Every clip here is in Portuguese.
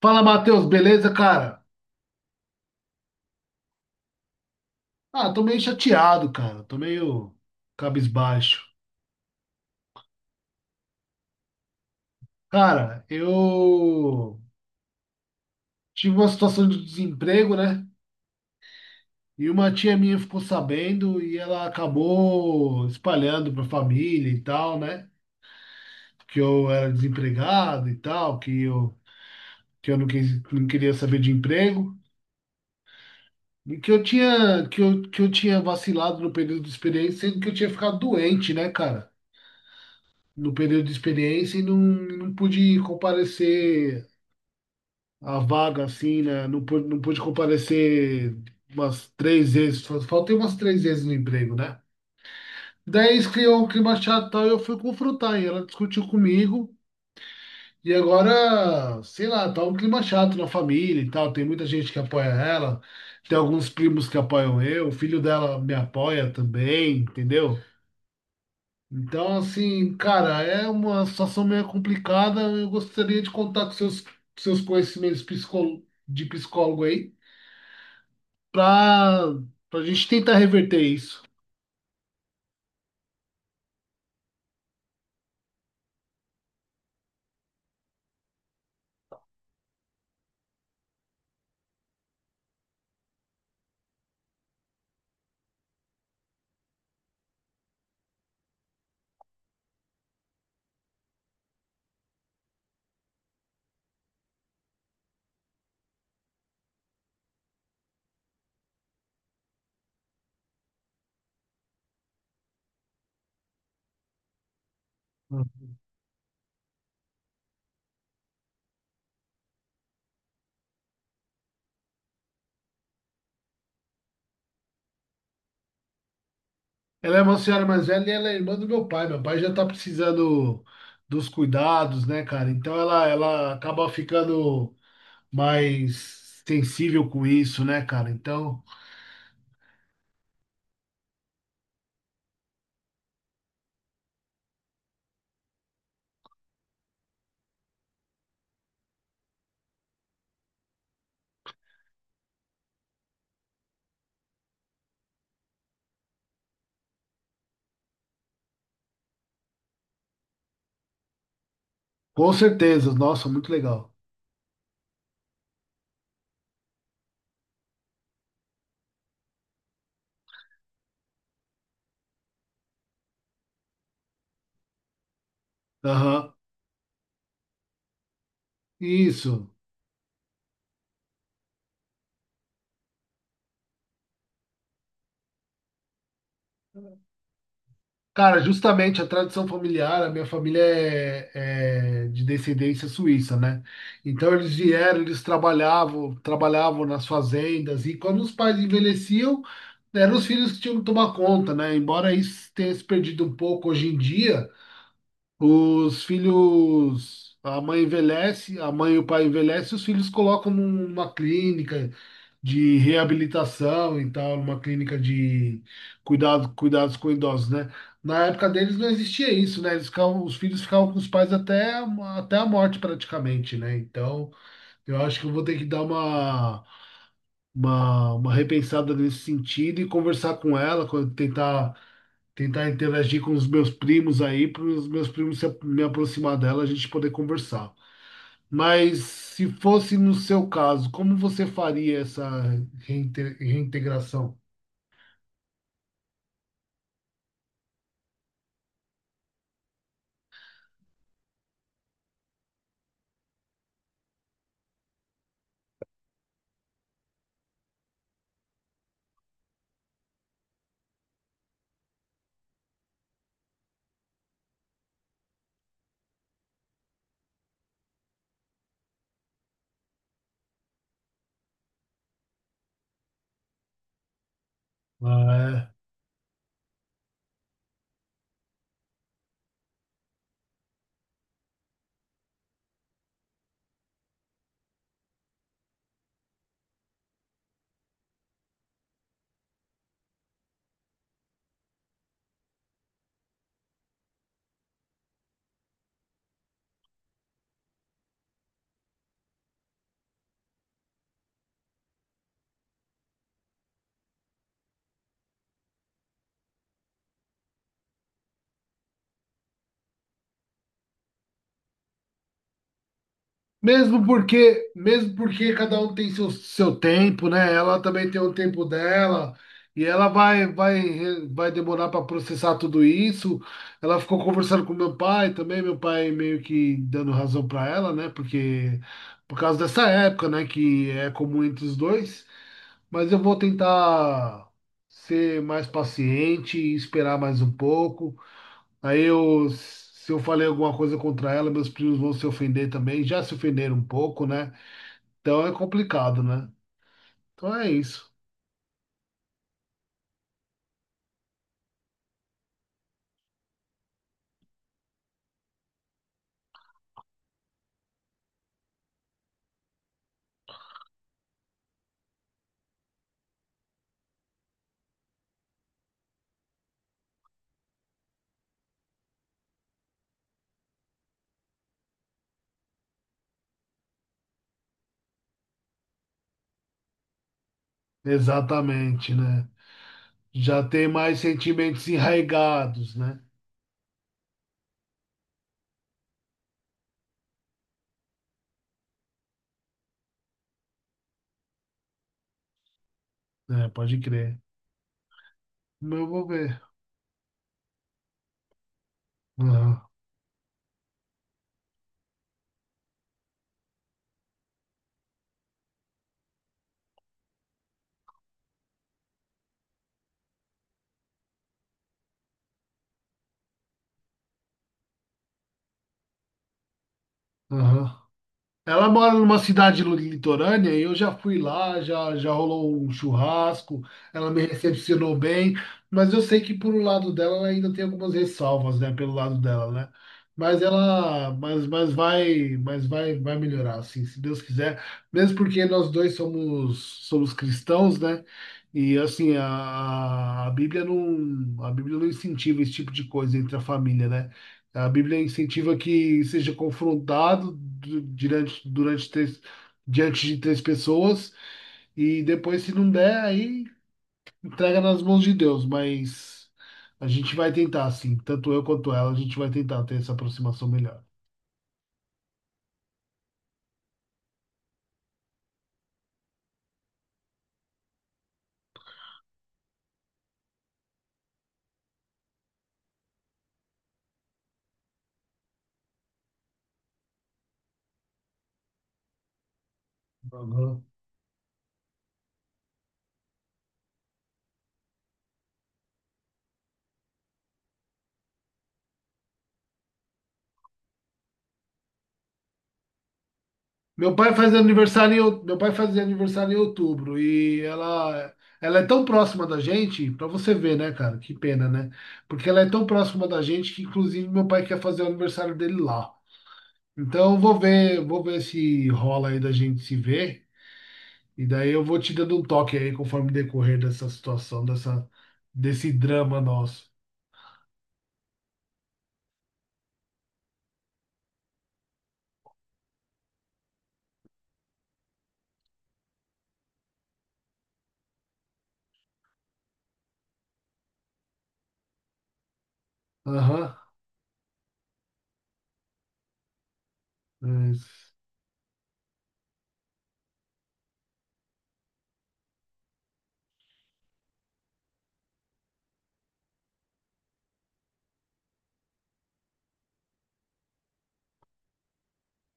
Fala, Matheus, beleza, cara? Ah, tô meio chateado, cara. Tô meio cabisbaixo. Cara, eu tive uma situação de desemprego, né? E uma tia minha ficou sabendo e ela acabou espalhando pra família e tal, né? Que eu era desempregado e tal, que eu não quis, não queria saber de emprego. E que eu tinha, que eu tinha vacilado no período de experiência, sendo que eu tinha ficado doente, né, cara? No período de experiência e não, não pude comparecer à vaga, assim, né? Não pude, não pude comparecer umas três vezes, só faltei umas três vezes no emprego, né? Daí isso criou um clima chato e tal, e eu fui confrontar, e ela discutiu comigo, e agora, sei lá, tá um clima chato na família e tal, tem muita gente que apoia ela, tem alguns primos que apoiam eu, o filho dela me apoia também, entendeu? Então, assim, cara, é uma situação meio complicada. Eu gostaria de contar com seus, seus conhecimentos psicó- de psicólogo aí, para a gente tentar reverter isso. Ela é uma senhora mais velha e ela é irmã do meu pai. Meu pai já tá precisando dos cuidados, né, cara? Então ela acaba ficando mais sensível com isso, né, cara? Então, com certeza. Nossa, muito legal. Aham. Isso. Cara, justamente a tradição familiar, a minha família é, é de descendência suíça, né? Então eles vieram, eles trabalhavam, trabalhavam nas fazendas e quando os pais envelheciam, eram os filhos que tinham que tomar conta, né? Embora isso tenha se perdido um pouco hoje em dia, os filhos, a mãe envelhece, a mãe e o pai envelhecem, os filhos colocam numa clínica, de reabilitação e tal, numa clínica de cuidado, cuidados com idosos, né? Na época deles não existia isso, né? Eles ficavam, os filhos ficavam com os pais até, até a morte praticamente, né? Então, eu acho que eu vou ter que dar uma, uma repensada nesse sentido e conversar com ela, tentar, tentar interagir com os meus primos aí, para os meus primos se, me aproximar dela, a gente poder conversar. Mas se fosse no seu caso, como você faria essa reintegração? Ah, é. Mesmo porque cada um tem seu, seu tempo, né? Ela também tem o tempo dela e ela vai vai demorar para processar tudo isso. Ela ficou conversando com meu pai também, meu pai meio que dando razão para ela, né? Porque por causa dessa época, né, que é comum entre os dois. Mas eu vou tentar ser mais paciente e esperar mais um pouco. Aí eu, se eu falei alguma coisa contra ela, meus primos vão se ofender também. Já se ofenderam um pouco, né? Então é complicado, né? Então é isso. Exatamente, né? Já tem mais sentimentos enraigados, né? É, pode crer. Mas eu vou ver. Aham, aham. Ela mora numa cidade litorânea e eu já fui lá, já, já rolou um churrasco, ela me recepcionou bem, mas eu sei que por um lado dela ela ainda tem algumas ressalvas, né, pelo lado dela, né? Mas ela, mas, mas vai, vai melhorar, assim, se Deus quiser, mesmo porque nós dois somos, somos cristãos, né? E assim, a, a Bíblia, a Bíblia não incentiva esse tipo de coisa entre a família, né? A Bíblia incentiva que seja confrontado durante, durante três, diante de três pessoas e depois, se não der, aí entrega nas mãos de Deus. Mas a gente vai tentar, sim. Tanto eu quanto ela, a gente vai tentar ter essa aproximação melhor. Uhum. Meu pai faz aniversário em, meu pai fazia aniversário em outubro e ela é tão próxima da gente, para você ver, né, cara? Que pena, né? Porque ela é tão próxima da gente que inclusive meu pai quer fazer o aniversário dele lá. Então, eu vou ver se rola aí da gente se ver. E daí eu vou te dando um toque aí conforme decorrer dessa situação, dessa, desse drama nosso. Aham. Mas…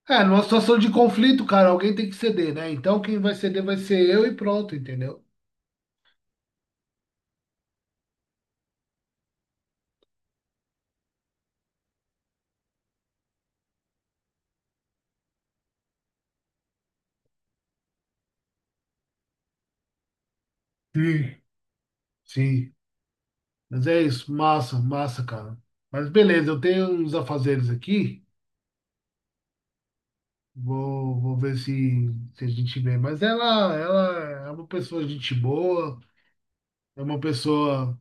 É, numa situação de conflito, cara, alguém tem que ceder, né? Então quem vai ceder vai ser eu e pronto, entendeu? Sim. Sim. Mas é isso, massa, massa, cara. Mas beleza, eu tenho uns afazeres aqui. Vou, vou ver se, se a gente vê. Mas ela é uma pessoa gente boa, é uma pessoa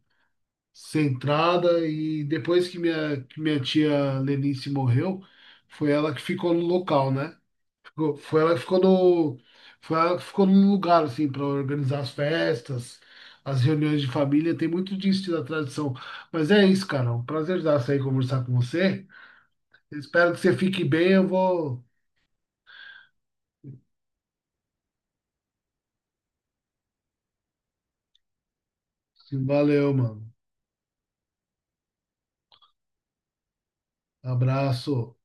centrada e depois que minha tia Lenice morreu, foi ela que ficou no local, né? Foi ela que ficou no, foi ela que ficou no lugar, assim, para organizar as festas, as reuniões de família, tem muito disso da tradição. Mas é isso, cara, um prazer dar sair conversar com você. Espero que você fique bem, eu vou. Valeu, mano. Abraço.